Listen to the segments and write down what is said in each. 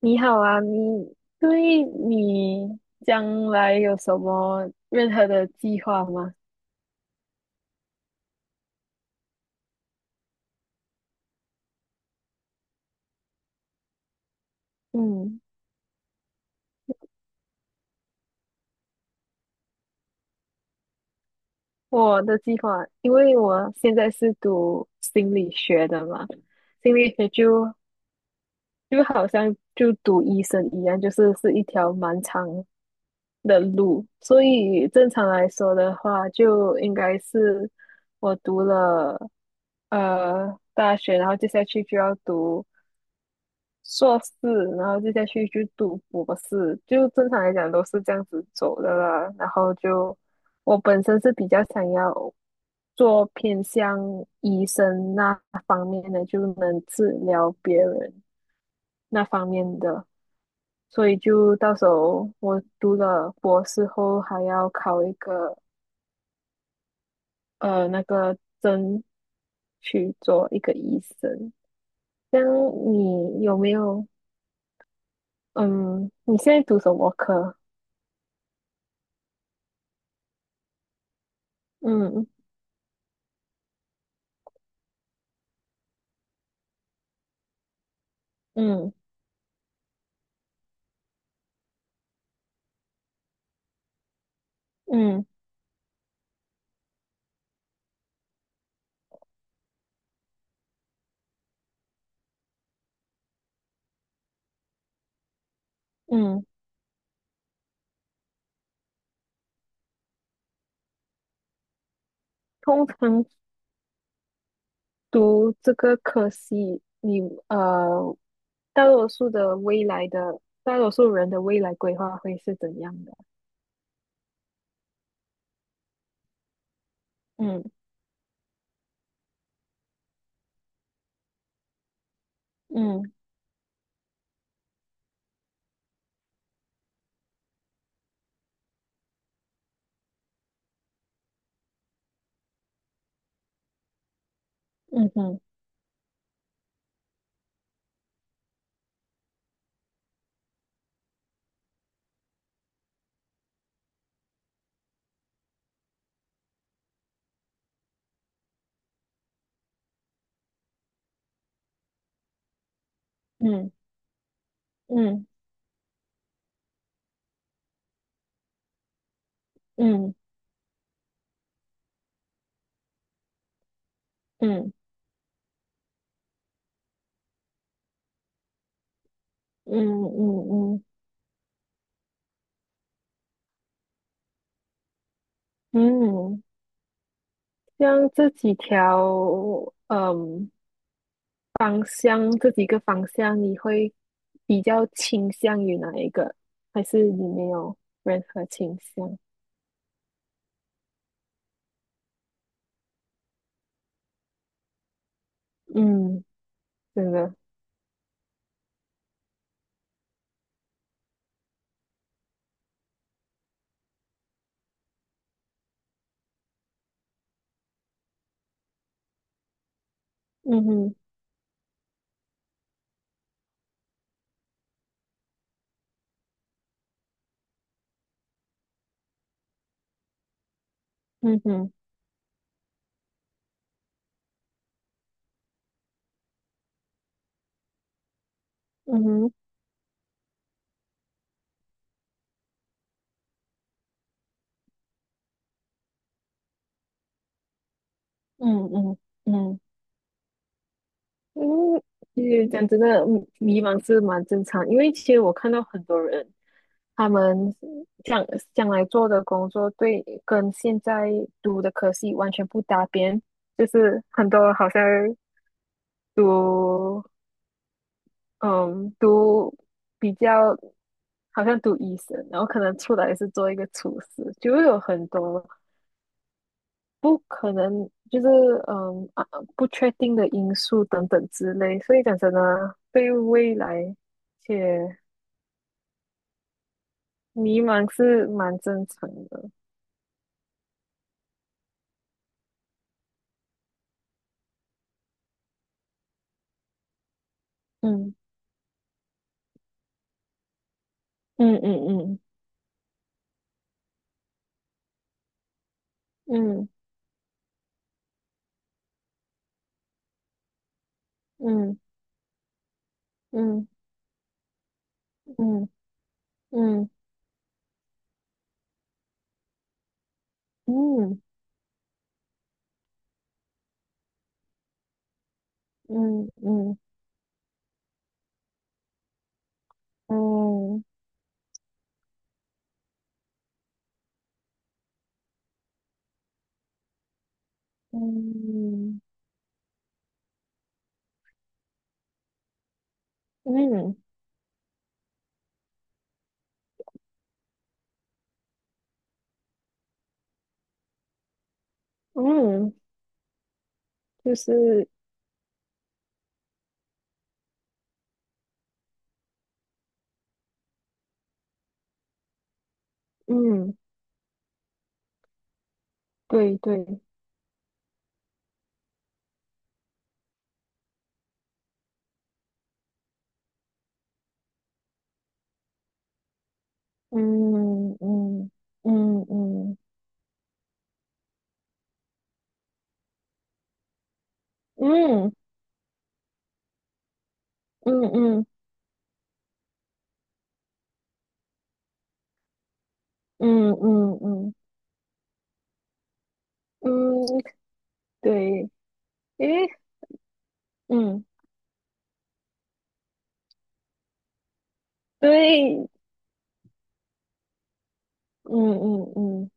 你好啊，对你将来有什么任何的计划吗？嗯，我的计划，因为我现在是读心理学的嘛，心理学就好像就读医生一样，就是一条蛮长的路，所以正常来说的话，就应该是我读了大学，然后接下去就要读硕士，然后就再去读博士，就正常来讲都是这样子走的了。然后就我本身是比较想要做偏向医生那方面的，就能治疗别人那方面的，所以就到时候我读了博士后，还要考一个那个证去做一个医生。像你有没有？嗯，你现在读什么科？嗯。嗯嗯嗯，通常读这个科系，你呃，大多数人的未来规划会是怎样的？嗯嗯嗯哼嗯嗯嗯嗯嗯嗯嗯嗯，像这几条嗯方向，这几个方向，你会比较倾向于哪一个？还是你没有任何倾向？嗯，真的，嗯哼嗯哼。嗯哼嗯嗯嗯。因为其实讲真的，迷茫是蛮正常，因为其实我看到很多人，他们将将来做的工作对跟现在读的科系完全不搭边，就是很多好像读嗯读比较好像读医生，然后可能出来是做一个厨师，就会有很多不可能，就是嗯啊，不确定的因素等等之类，所以讲真的，对未来且迷茫是蛮正常的。嗯嗯嗯嗯嗯嗯嗯嗯嗯嗯嗯嗯嗯嗯嗯。就是嗯，对对，嗯嗯嗯嗯嗯嗯嗯嗯嗯嗯。对，因为嗯，对，嗯嗯嗯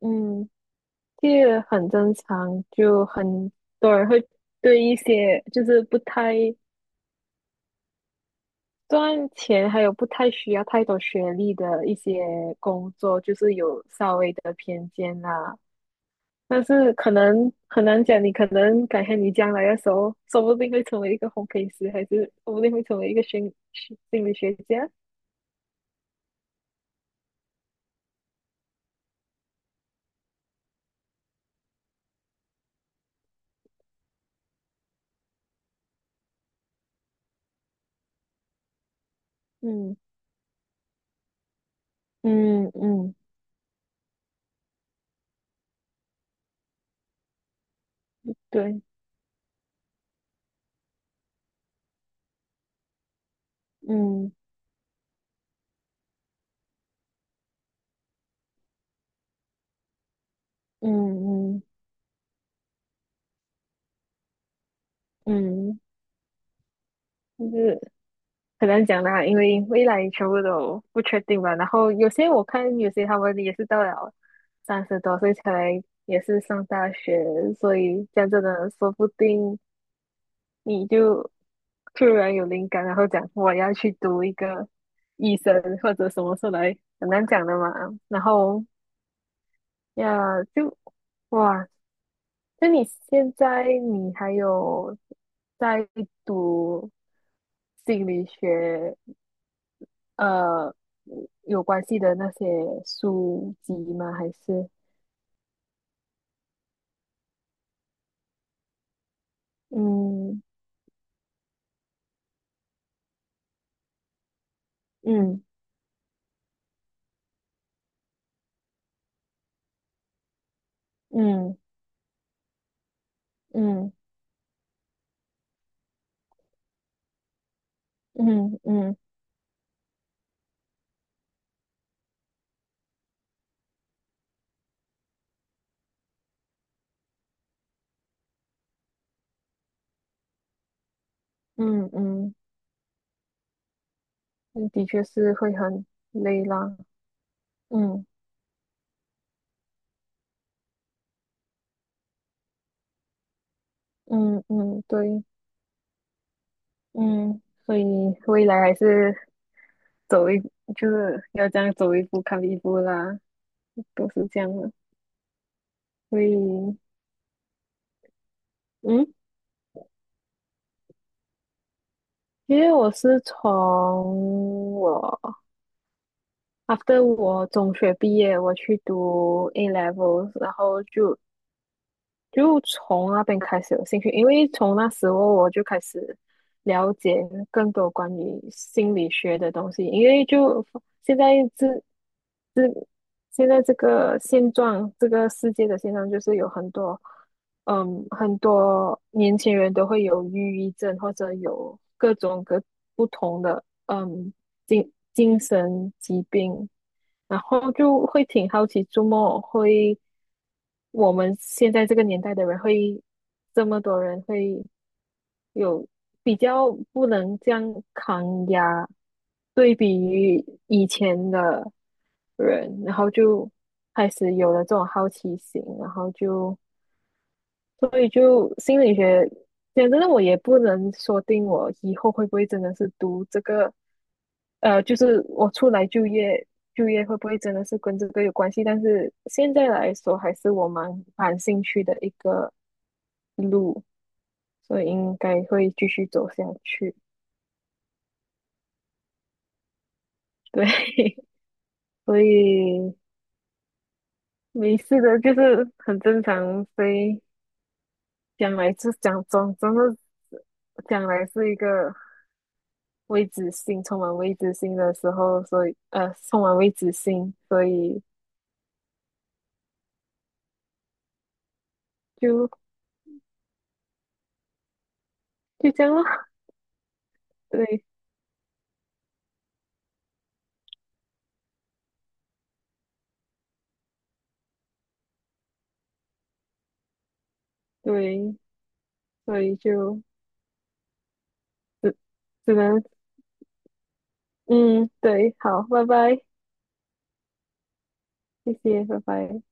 嗯，这个很正常，就很多人会对一些就是不太赚钱，还有不太需要太多学历的一些工作，就是有稍微的偏见啦。但是可能很难讲，你可能改天你将来的时候，说不定会成为一个烘焙师，还是说不定会成为一个心理学家。嗯嗯嗯，对，嗯嗯嗯嗯。就是很难讲啦，因为未来全部都不确定吧。然后有些我看，有些他们也是到了30多岁才也是上大学，所以讲真的，说不定你就突然有灵感，然后讲我要去读一个医生或者什么出来，很难讲的嘛。然后呀，就哇，那你现在你还有在读心理学，呃有关系的那些书籍吗？还是嗯嗯嗯嗯嗯嗯嗯嗯。嗯的确是会很累啦。嗯嗯嗯，对，嗯，所以未来还是走一，就是要这样走一步看一步啦，都是这样的。所以，嗯，因为我是after 我中学毕业，我去读 A levels，然后就从那边开始有兴趣，因为从那时候我就开始了解更多关于心理学的东西，因为就现在自这这个现状，这个世界的现状就是有很多年轻人都会有抑郁症，或者有各种各不同的，精神疾病，然后就会挺好奇，周末会我们现在这个年代的人会这么多人会。有比较不能这样抗压，对比于以前的人，然后就开始有了这种好奇心，然后就所以就心理学，讲真的，我也不能说定我以后会不会真的是读这个，就是我出来就业，就业会不会真的是跟这个有关系？但是现在来说，还是我蛮感兴趣的一个路，所以应该会继续走下去。对，所以没事的，就是很正常。所以将来是真的将来是一个未知性，充满未知性的时候，所以充满未知性，所以就就这样咯。对对，所以就只只能嗯，对，好，拜拜，谢谢，拜拜。